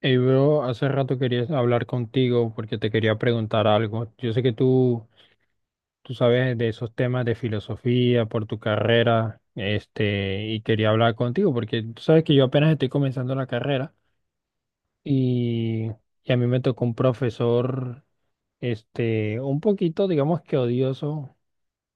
Hey, bro, hace rato quería hablar contigo porque te quería preguntar algo. Yo sé que tú sabes de esos temas de filosofía por tu carrera, este, y quería hablar contigo porque tú sabes que yo apenas estoy comenzando la carrera y, y a mí me tocó un profesor, este, un poquito, digamos que odioso,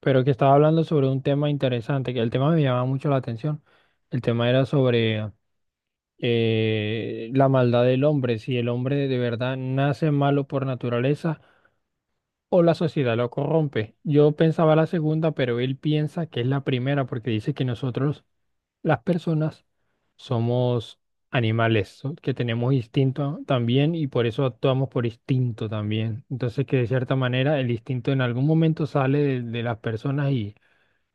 pero que estaba hablando sobre un tema interesante, que el tema me llamaba mucho la atención. El tema era sobre la maldad del hombre, si el hombre de verdad nace malo por naturaleza o la sociedad lo corrompe. Yo pensaba la segunda, pero él piensa que es la primera porque dice que nosotros, las personas, somos animales, que tenemos instinto también y por eso actuamos por instinto también. Entonces que de cierta manera el instinto en algún momento sale de las personas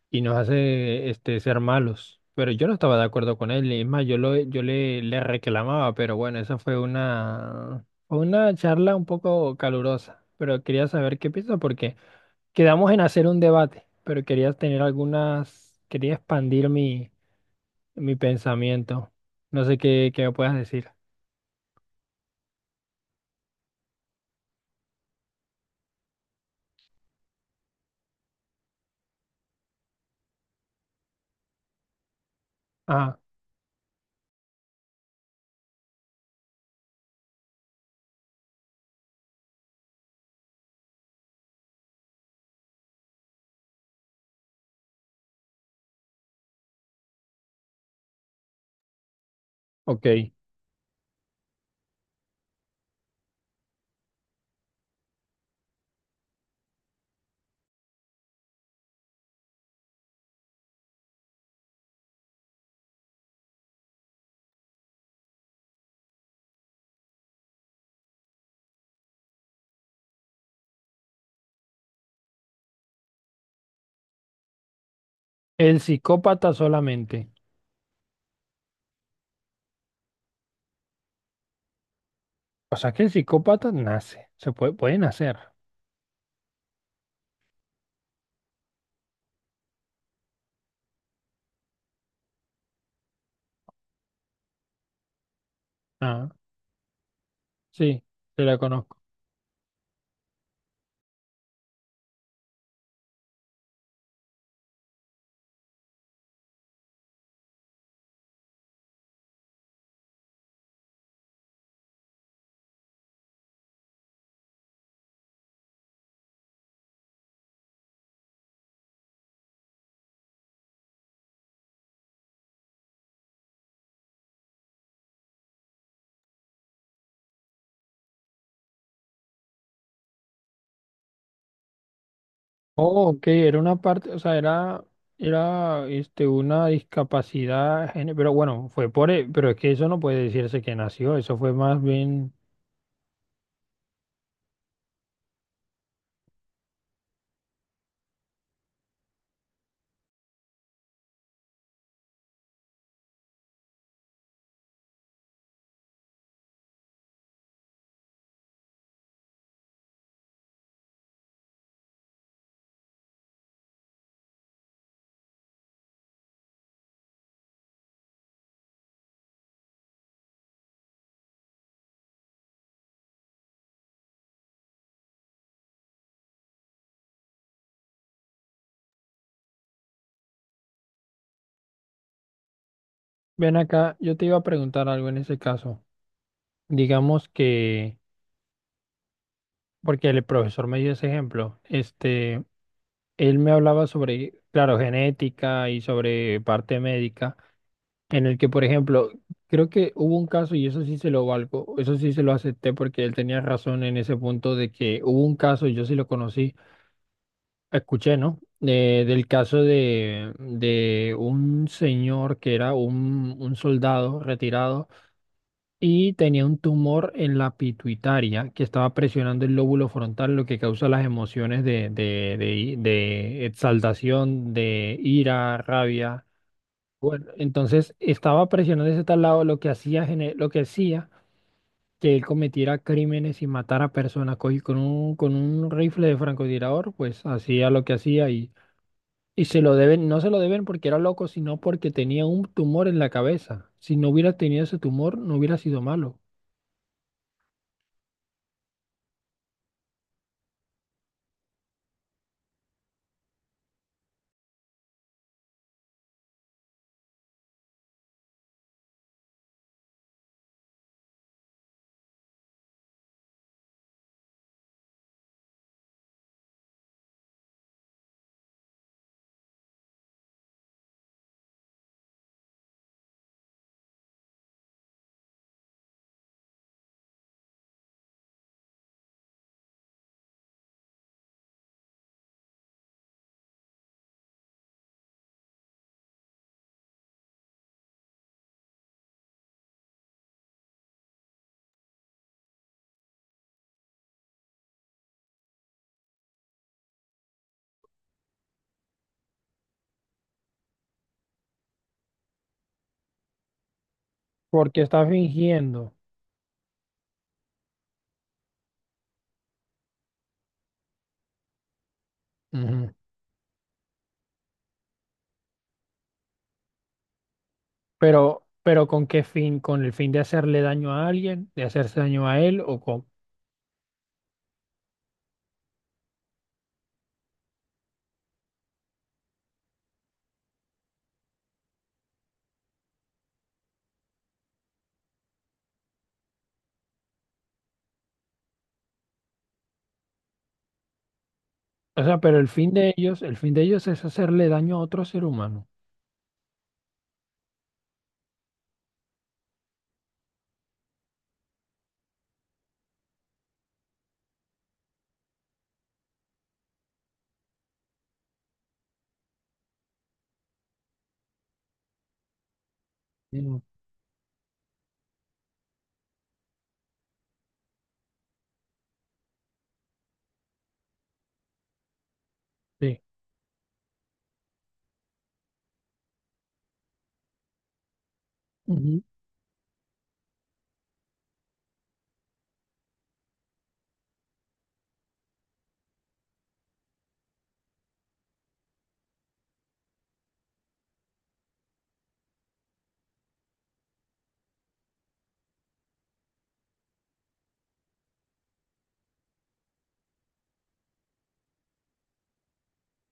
y nos hace este, ser malos. Pero yo no estaba de acuerdo con él, y es más, yo le reclamaba, pero bueno, esa fue una charla un poco calurosa, pero quería saber qué piensa porque quedamos en hacer un debate, pero quería tener algunas, quería expandir mi pensamiento. No sé qué me puedas decir. Ah, ok. El psicópata solamente. O sea que el psicópata nace, puede nacer. Ah, sí, se la conozco. Oh, ok, era una parte, era este, una discapacidad, pero bueno, fue por, pero es que eso no puede decirse que nació, eso fue más bien, ven acá, yo te iba a preguntar algo en ese caso, digamos que, porque el profesor me dio ese ejemplo, este, él me hablaba sobre, claro, genética y sobre parte médica, en el que, por ejemplo, creo que hubo un caso, y eso sí se lo valgo, eso sí se lo acepté porque él tenía razón en ese punto de que hubo un caso, y yo sí lo conocí, escuché, ¿no? Del caso de un señor que era un soldado retirado y tenía un tumor en la pituitaria que estaba presionando el lóbulo frontal, lo que causa las emociones de exaltación, de ira, rabia. Bueno, entonces estaba presionando ese tal lado, lo que hacía, lo que hacía que él cometiera crímenes y matara personas. Con con un rifle de francotirador, pues hacía lo que hacía y se lo deben, no se lo deben porque era loco, sino porque tenía un tumor en la cabeza. Si no hubiera tenido ese tumor, no hubiera sido malo. Porque está fingiendo. Ujú. Pero ¿con qué fin? ¿Con el fin de hacerle daño a alguien? ¿De hacerse daño a él? O con... O sea, pero el fin de ellos, el fin de ellos es hacerle daño a otro ser humano. Mm. Sí. Ujú.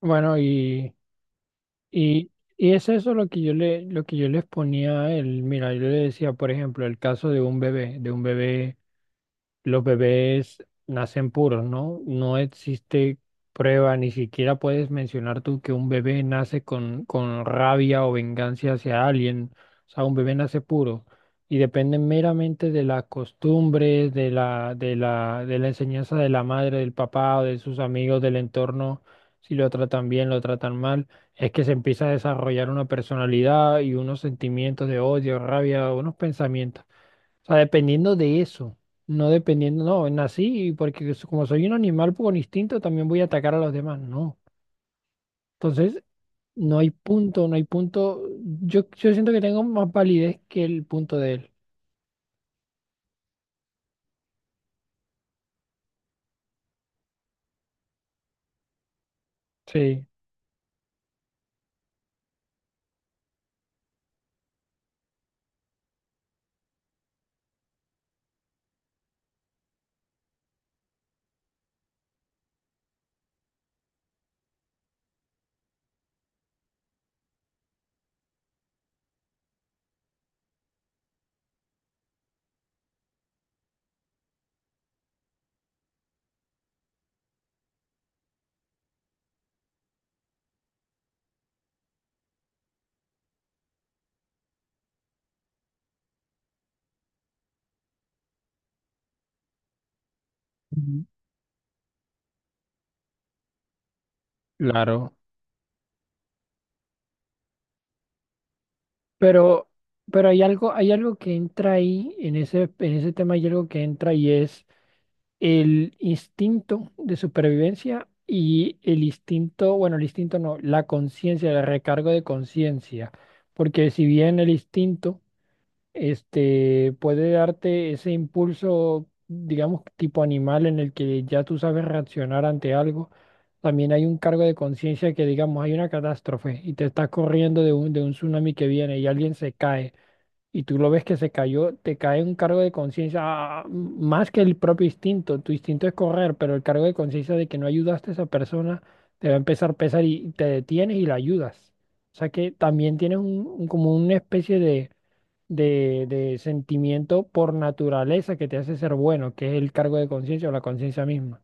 Bueno, y, y, y es eso lo que yo le, lo que yo les ponía a él. Mira, yo le decía, por ejemplo, el caso de un bebé, los bebés nacen puros, ¿no? No existe prueba, ni siquiera puedes mencionar tú que un bebé nace con rabia o venganza hacia alguien. O sea, un bebé nace puro y depende meramente de las costumbres, de la enseñanza de la madre, del papá o de sus amigos, del entorno, si lo tratan bien, lo tratan mal. Es que se empieza a desarrollar una personalidad y unos sentimientos de odio, rabia, unos pensamientos. O sea, dependiendo de eso. No dependiendo, no, nací y porque como soy un animal por instinto también voy a atacar a los demás. No. Entonces, no hay punto, no hay punto. Yo siento que tengo más validez que el punto de él. Sí. Ujú. Claro, pero, pero hay algo que entra ahí, en ese tema hay algo que entra y es el instinto de supervivencia y el instinto, bueno, el instinto no, la conciencia, el recargo de conciencia, porque si bien el instinto, este, puede darte ese impulso, digamos, tipo animal en el que ya tú sabes reaccionar ante algo, también hay un cargo de conciencia que, digamos, hay una catástrofe y te estás corriendo de un tsunami que viene y alguien se cae y tú lo ves que se cayó, te cae un cargo de conciencia más que el propio instinto. Tu instinto es correr, pero el cargo de conciencia de que no ayudaste a esa persona te va a empezar a pesar y te detienes y la ayudas. O sea que también tienes como una especie de sentimiento por naturaleza que te hace ser bueno, que es el cargo de conciencia o la conciencia misma.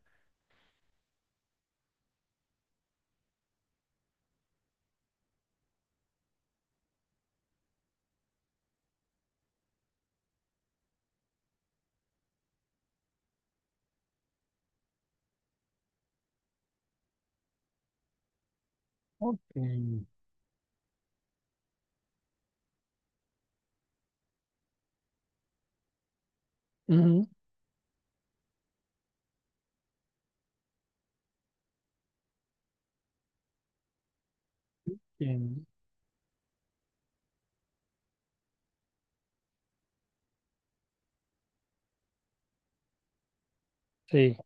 Ok. Ujú. Bien. Sí,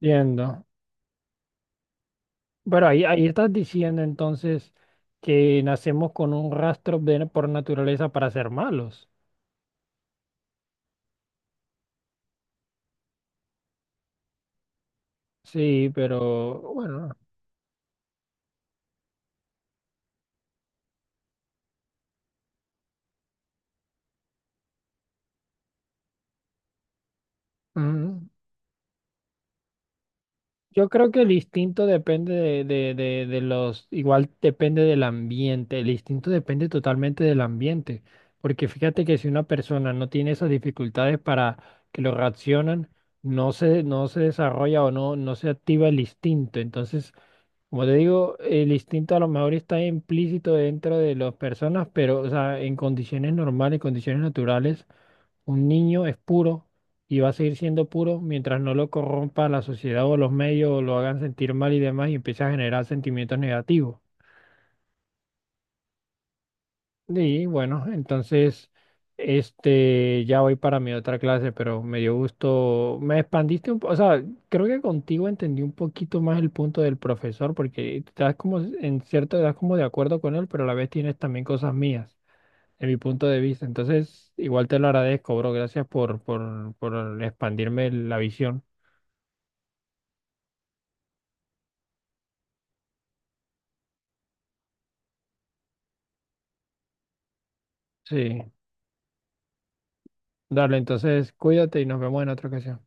entiendo. Bueno, ahí estás diciendo entonces que nacemos con un rastro por naturaleza para ser malos. Sí, pero bueno, mm, yo creo que el instinto depende igual depende del ambiente, el instinto depende totalmente del ambiente, porque fíjate que si una persona no tiene esas dificultades para que lo reaccionan, no se desarrolla o no se activa el instinto, entonces como te digo, el instinto a lo mejor está implícito dentro de las personas, pero o sea, en condiciones normales, en condiciones naturales, un niño es puro y va a seguir siendo puro mientras no lo corrompa la sociedad o los medios o lo hagan sentir mal y demás y empiece a generar sentimientos negativos. Y bueno, entonces, este, ya voy para mi otra clase, pero me dio gusto, me expandiste un poco, o sea, creo que contigo entendí un poquito más el punto del profesor, porque estás como, en cierto, estás como de acuerdo con él, pero a la vez tienes también cosas mías, de mi punto de vista. Entonces, igual te lo agradezco, bro, gracias por expandirme la visión. Sí, dale, entonces, cuídate y nos vemos en otra ocasión.